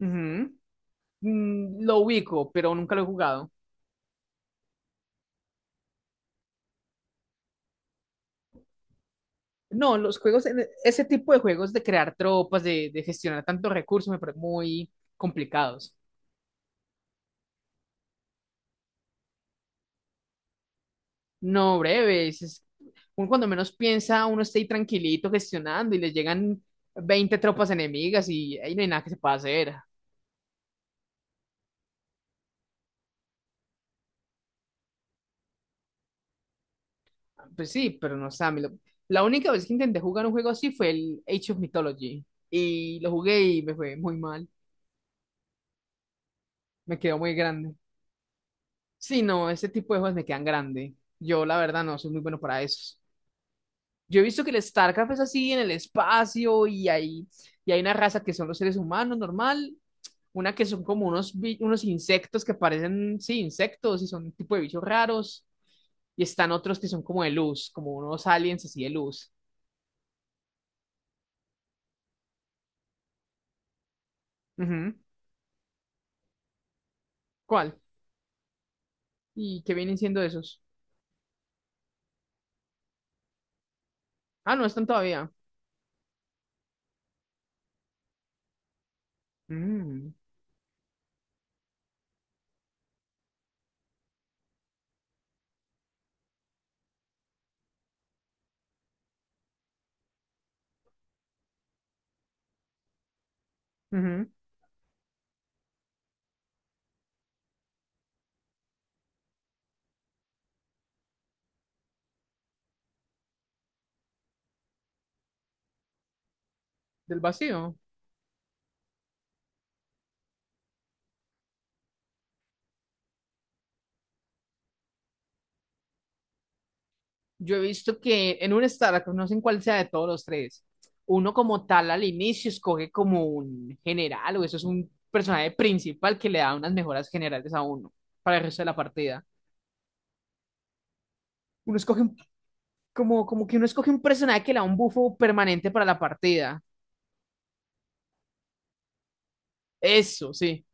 Ujú. Mm, lo ubico, pero nunca lo he jugado. No, los juegos, ese tipo de juegos de crear tropas, de gestionar tantos recursos, me parecen muy complicados. No, breves. Uno cuando menos piensa, uno está ahí tranquilito gestionando y le llegan 20 tropas enemigas y ahí no hay nada que se pueda hacer. Pues sí, pero no sé. La única vez que intenté jugar un juego así fue el Age of Mythology y lo jugué y me fue muy mal. Me quedó muy grande. Sí, no, ese tipo de juegos me quedan grande. Yo, la verdad, no soy muy bueno para esos. Yo he visto que el StarCraft es así en el espacio y hay una raza que son los seres humanos normal, una que son como unos insectos que parecen, sí, insectos y son un tipo de bichos raros. Y están otros que son como de luz, como unos aliens así de luz. Ujú. ¿Cuál? ¿Y qué vienen siendo esos? Ah, no están todavía. Mm, ujú. Del vacío. Yo he visto que en un startup, no sé en cuál sea de todos los tres, uno como tal al inicio escoge como un general o eso es un personaje principal que le da unas mejoras generales a uno para el resto de la partida. Uno escoge un- Como, como que uno escoge un personaje que le da un bufo permanente para la partida. Eso, sí.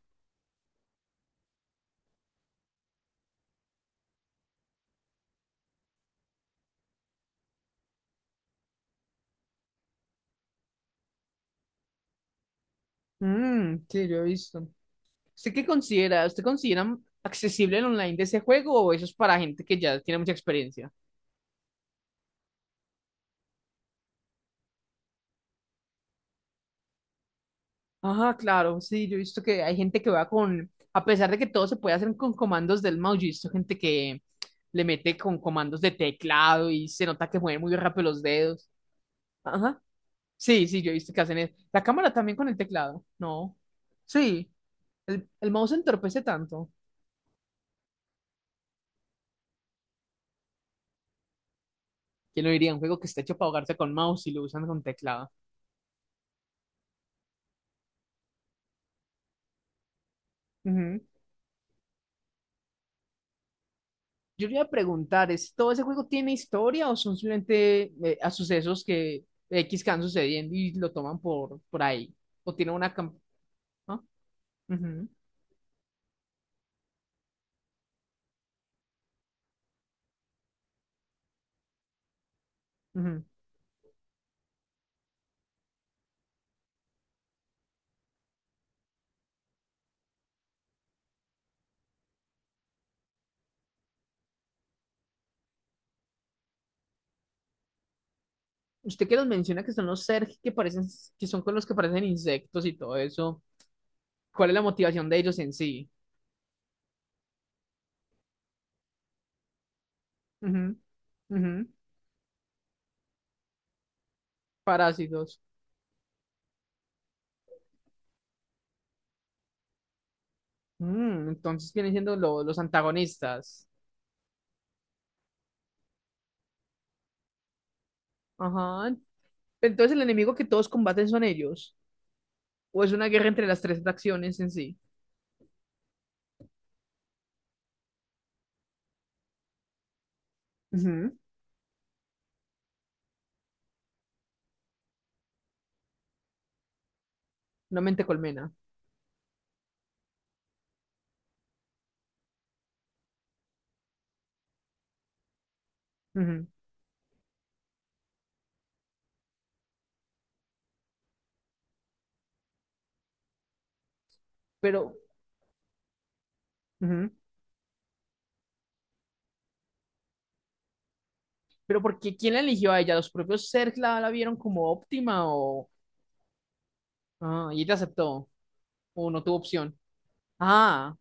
Mm, sí, yo he visto. ¿Usted qué considera? ¿Usted considera accesible el online de ese juego o eso es para gente que ya tiene mucha experiencia? Ajá, claro, sí, yo he visto que hay gente que va con, a pesar de que todo se puede hacer con comandos del mouse, yo he visto gente que le mete con comandos de teclado y se nota que mueven muy rápido los dedos. Ajá, sí, sí, yo he visto que hacen eso. La cámara también con el teclado, no. Sí, el mouse entorpece tanto. ¿Quién lo diría? Un juego que está hecho para ahogarse con mouse y lo usan con teclado. Ujú. Yo le iba a preguntar, ¿todo ese juego tiene historia o son simplemente a sucesos que X que van sucediendo y lo toman por ahí? ¿O tiene una... ¿Ah? Ujú, ujú. Usted que los menciona que son los Zerg que parecen, que son con los que parecen insectos y todo eso, ¿cuál es la motivación de ellos en sí? Ujú, ujú. Parásitos. Mm, entonces vienen siendo los antagonistas. Ajá. Entonces el enemigo que todos combaten son ellos. ¿O es una guerra entre las tres facciones en sí? Una mente colmena. Ujú. Pero, ujú. Pero ¿por qué? ¿Quién la eligió a ella? ¿Los propios Zerg la vieron como óptima o...? Ah, y ella aceptó, o no tuvo opción. Ah,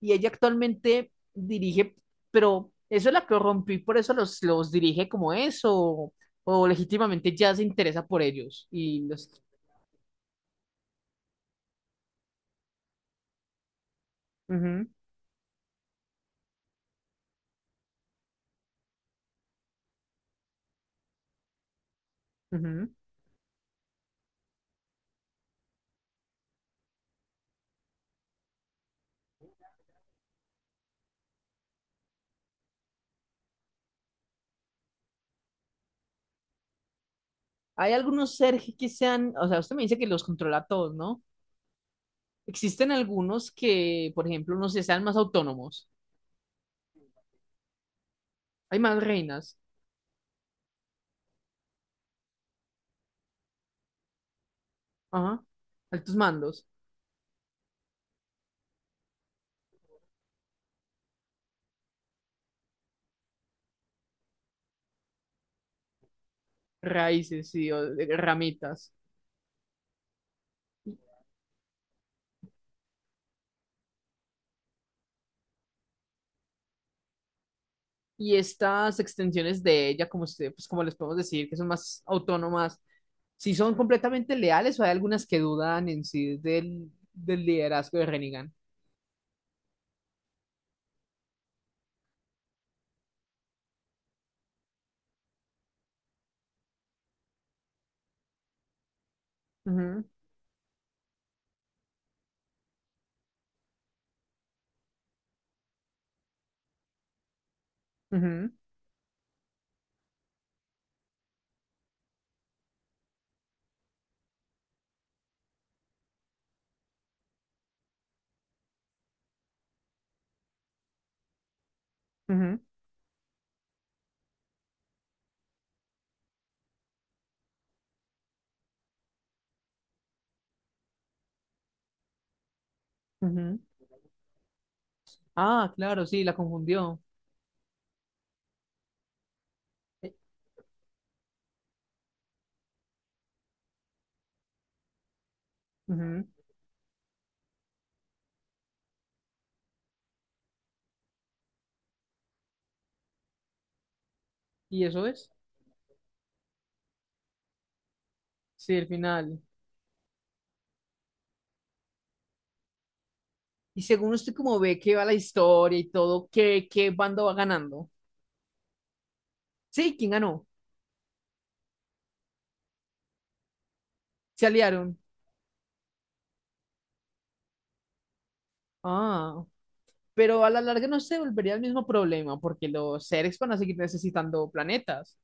y ella actualmente dirige, pero eso la corrompió y por eso los dirige como eso, o legítimamente ya se interesa por ellos. Y los... Ujú, ujú. Hay algunos Zerg que sean, o sea, usted me dice que los controla a todos, ¿no? Existen algunos que, por ejemplo, no sé, sean más autónomos. Hay más reinas. Ajá. Altos mandos, raíces y ramitas. Y estas extensiones de ella, como usted pues como les podemos decir, que son más autónomas, si son completamente leales o hay algunas que dudan en sí del liderazgo de Rennigan. Ujú, ujú, ujú, ujú. Ah, claro, sí, la confundió. Eh, ujú. ¿Y eso es? Sí, el final. Y según usted como ve que va la historia y todo, ¿qué bando va ganando? Sí, ¿quién ganó? Se aliaron. Ah, pero a la larga no se volvería el mismo problema porque los seres van a seguir necesitando planetas.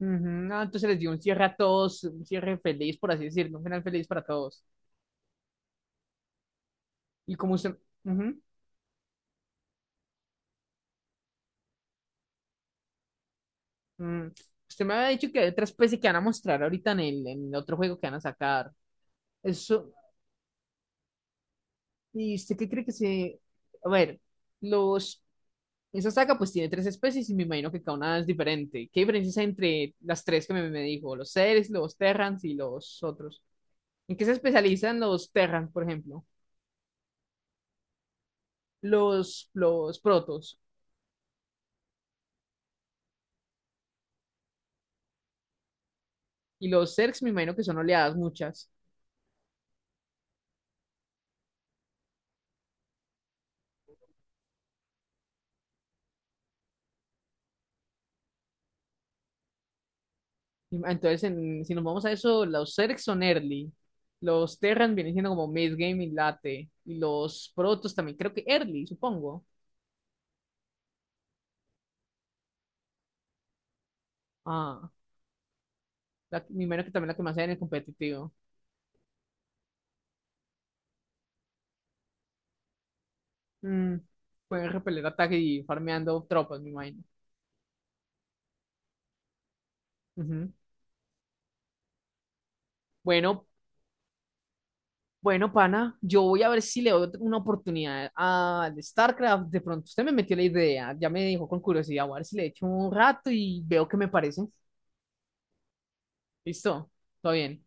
Ujú, ah, entonces les dio un cierre a todos, un cierre feliz, por así decirlo, un final feliz para todos. Y como usted, ujú, mm, usted me había dicho que hay otra especie que van a mostrar ahorita en en el otro juego que van a sacar. Eso, ¿y usted qué cree que se... A ver, los... Esa saga pues tiene tres especies y me imagino que cada una es diferente. ¿Qué diferencias hay entre las tres que me dijo? Los seres, los Terrans y los otros. ¿En qué se especializan los Terran, por ejemplo? Los Protos y los Zergs, me imagino que son oleadas muchas. Entonces, si nos vamos a eso, los Zergs son early. Los Terran vienen siendo como mid game y late. Y los Protos también, creo que early, supongo. Ah, la, me imagino que también la que más hay en el competitivo. Mm, pueden repeler ataque y ir farmeando tropas, me imagino. Ujú. Bueno, Bueno, pana, yo voy a ver si le doy una oportunidad a StarCraft. De pronto usted me metió la idea, ya me dijo con curiosidad, voy a ver si le echo un rato y veo qué me parece. Listo, todo bien.